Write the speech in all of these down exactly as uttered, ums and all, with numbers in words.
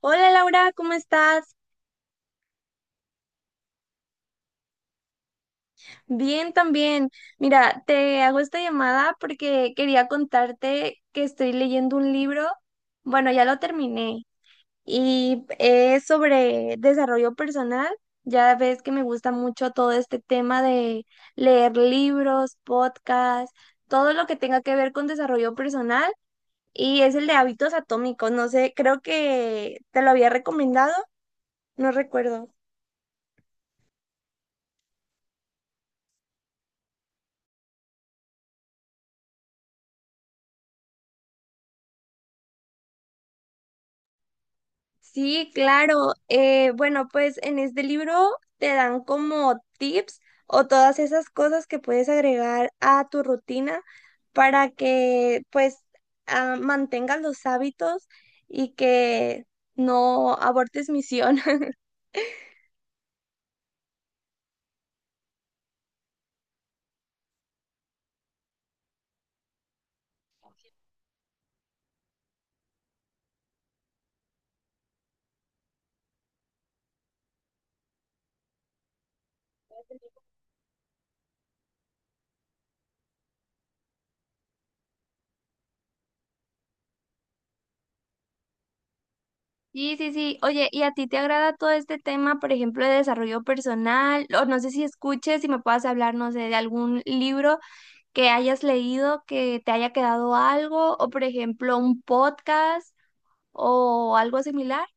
Hola Laura, ¿cómo estás? Bien también. Mira, te hago esta llamada porque quería contarte que estoy leyendo un libro. Bueno, ya lo terminé y es sobre desarrollo personal. Ya ves que me gusta mucho todo este tema de leer libros, podcasts, todo lo que tenga que ver con desarrollo personal y es el de hábitos atómicos. No sé, creo que te lo había recomendado, no recuerdo. Sí, claro. Eh, bueno, pues en este libro te dan como tips o todas esas cosas que puedes agregar a tu rutina para que pues ah, mantengas los hábitos y que no abortes misión. Sí, sí, sí. Oye, ¿y a ti te agrada todo este tema, por ejemplo, de desarrollo personal? O no sé si escuches, si me puedas hablar, no sé, de algún libro que hayas leído, que te haya quedado algo, o por ejemplo, un podcast o algo similar,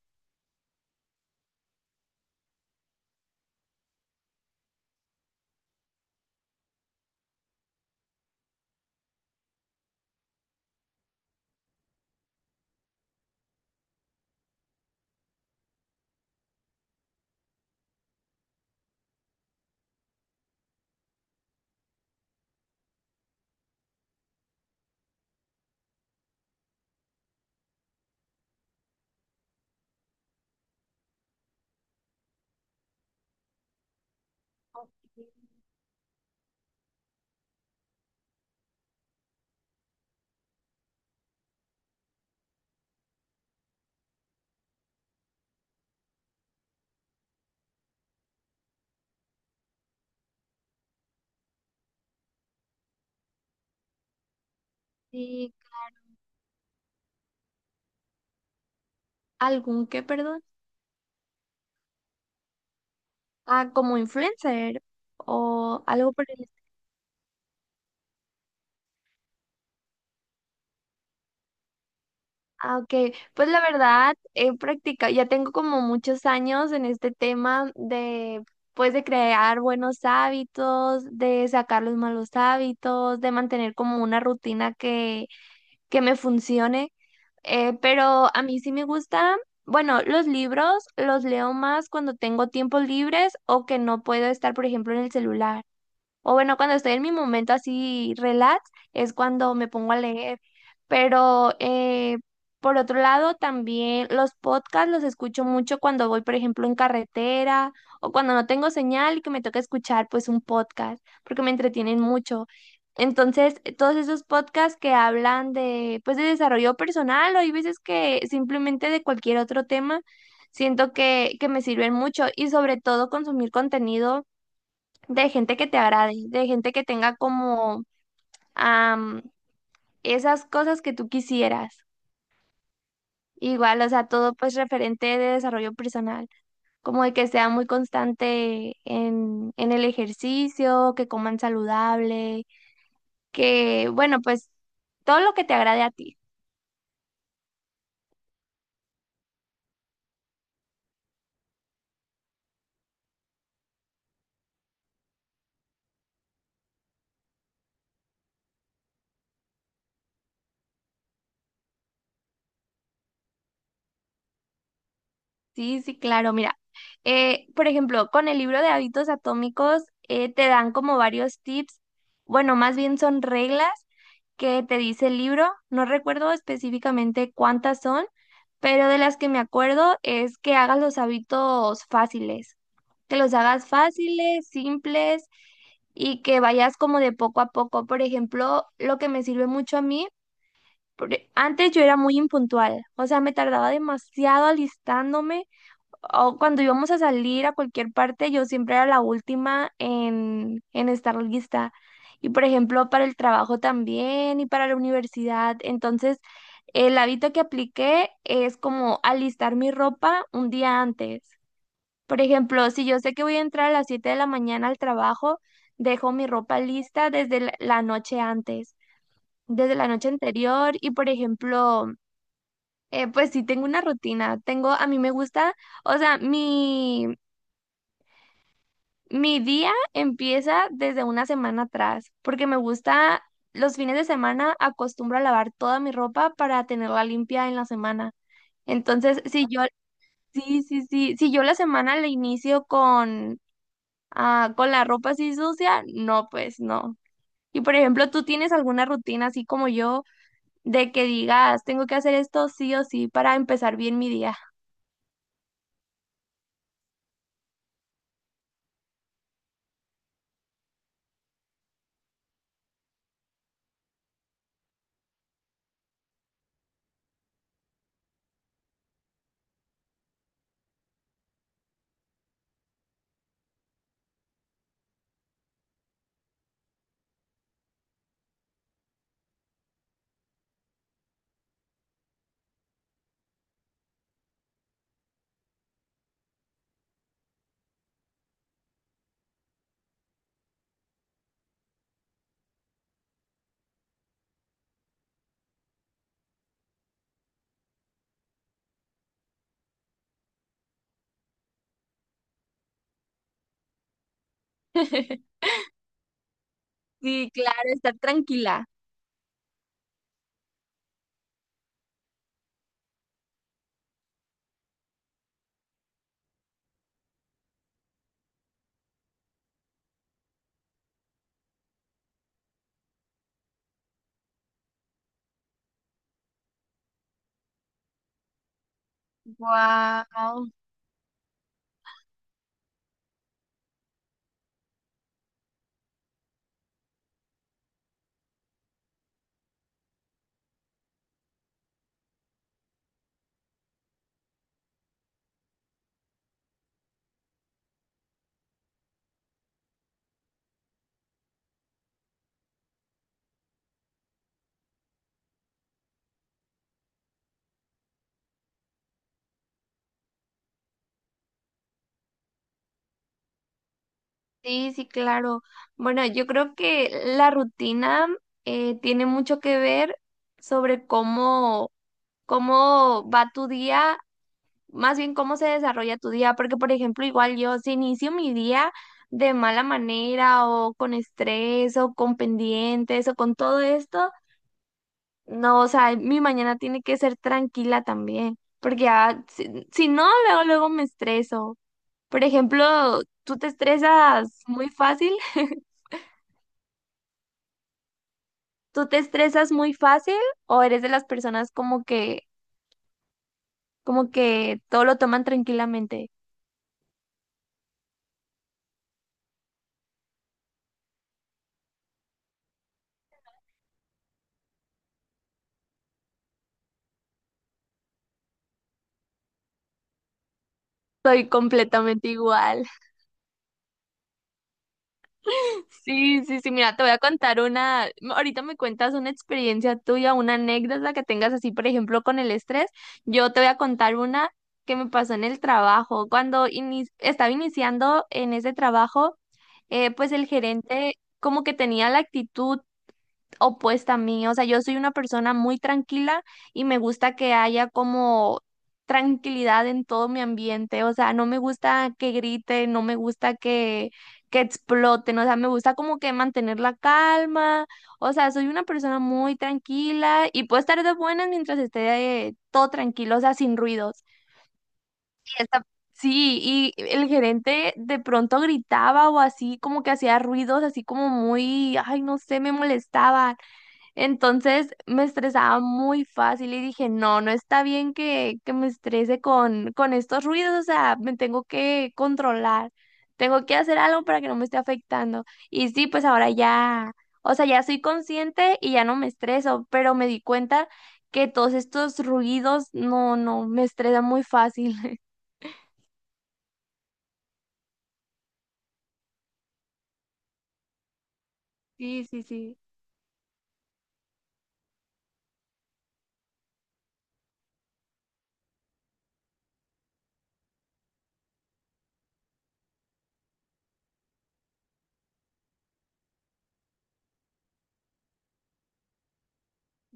y algún que, perdón, ah, como influencer o algo por el est- Ah, ok, pues la verdad he practicado, ya tengo como muchos años en este tema de, pues de crear buenos hábitos, de sacar los malos hábitos, de mantener como una rutina que, que me funcione. Eh, pero a mí sí me gusta, bueno, los libros los leo más cuando tengo tiempos libres o que no puedo estar, por ejemplo, en el celular. O bueno, cuando estoy en mi momento así relax, es cuando me pongo a leer. Pero eh, por otro lado, también los podcasts los escucho mucho cuando voy, por ejemplo, en carretera o cuando no tengo señal y que me toca escuchar pues un podcast, porque me entretienen mucho. Entonces, todos esos podcasts que hablan de pues de desarrollo personal o hay veces que simplemente de cualquier otro tema, siento que, que me sirven mucho y sobre todo consumir contenido de gente que te agrade, de gente que tenga como am, esas cosas que tú quisieras. Igual, o sea, todo pues referente de desarrollo personal, como de que sea muy constante en, en el ejercicio, que coman saludable, que, bueno, pues todo lo que te agrade a ti. Sí, sí, claro. Mira, eh, por ejemplo, con el libro de hábitos atómicos eh, te dan como varios tips, bueno, más bien son reglas que te dice el libro. No recuerdo específicamente cuántas son, pero de las que me acuerdo es que hagas los hábitos fáciles, que los hagas fáciles, simples, y que vayas como de poco a poco. Por ejemplo, lo que me sirve mucho a mí, porque antes yo era muy impuntual, o sea, me tardaba demasiado alistándome o cuando íbamos a salir a cualquier parte, yo siempre era la última en, en estar lista. Y por ejemplo, para el trabajo también y para la universidad. Entonces, el hábito que apliqué es como alistar mi ropa un día antes. Por ejemplo, si yo sé que voy a entrar a las siete de la mañana al trabajo, dejo mi ropa lista desde la la noche antes, desde la noche anterior. Y por ejemplo, eh, pues sí tengo una rutina. Tengo, a mí me gusta. O sea, mi, mi día empieza desde una semana atrás, porque me gusta, los fines de semana acostumbro a lavar toda mi ropa para tenerla limpia en la semana. Entonces, si yo, sí, sí, sí, si yo la semana la inicio con, ah, con la ropa así sucia, no, pues no. Y por ejemplo, ¿tú tienes alguna rutina así como yo de que digas, tengo que hacer esto sí o sí para empezar bien mi día? Sí, claro, estar tranquila. Wow. Sí, sí, claro. Bueno, yo creo que la rutina eh, tiene mucho que ver sobre cómo, cómo va tu día, más bien cómo se desarrolla tu día, porque por ejemplo, igual yo si inicio mi día de mala manera o con estrés o con pendientes o con todo esto, no, o sea, mi mañana tiene que ser tranquila también, porque ya, si, si no, luego, luego me estreso. Por ejemplo, ¿tú te estresas muy fácil? ¿Tú te estresas muy fácil o eres de las personas como que, como que todo lo toman tranquilamente? Soy completamente igual. Sí, sí, sí, mira, te voy a contar una, ahorita me cuentas una experiencia tuya, una anécdota que tengas así, por ejemplo, con el estrés. Yo te voy a contar una que me pasó en el trabajo. Cuando ini- estaba iniciando en ese trabajo, eh, pues el gerente como que tenía la actitud opuesta a mí. O sea, yo soy una persona muy tranquila y me gusta que haya como tranquilidad en todo mi ambiente. O sea, no me gusta que grite, no me gusta que, que exploten. O sea, me gusta como que mantener la calma. O sea, soy una persona muy tranquila y puedo estar de buenas mientras esté eh, todo tranquilo, o sea, sin ruidos. Y esta- sí, y el gerente de pronto gritaba o así, como que hacía ruidos, así como muy, ay, no sé, me molestaba. Entonces me estresaba muy fácil y dije, no, no está bien que, que me estrese con, con estos ruidos, o sea, me tengo que controlar, tengo que hacer algo para que no me esté afectando. Y sí, pues ahora ya, o sea, ya soy consciente y ya no me estreso, pero me di cuenta que todos estos ruidos, no, no, me estresan muy fácil. Sí, sí, sí.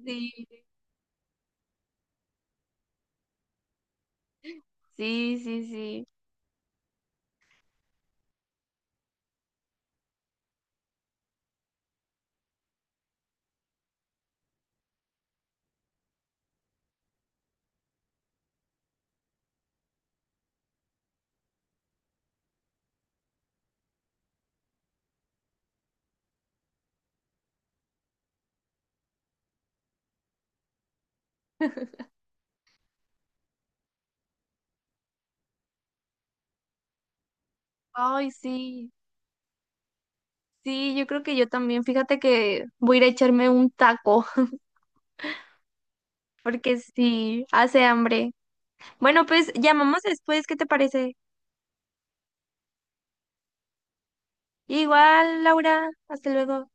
Sí, sí, sí, sí. Ay, sí. Sí, yo creo que yo también, fíjate que voy a ir a echarme un taco, porque sí, hace hambre. Bueno, pues llamamos después, ¿qué te parece? Igual, Laura, hasta luego.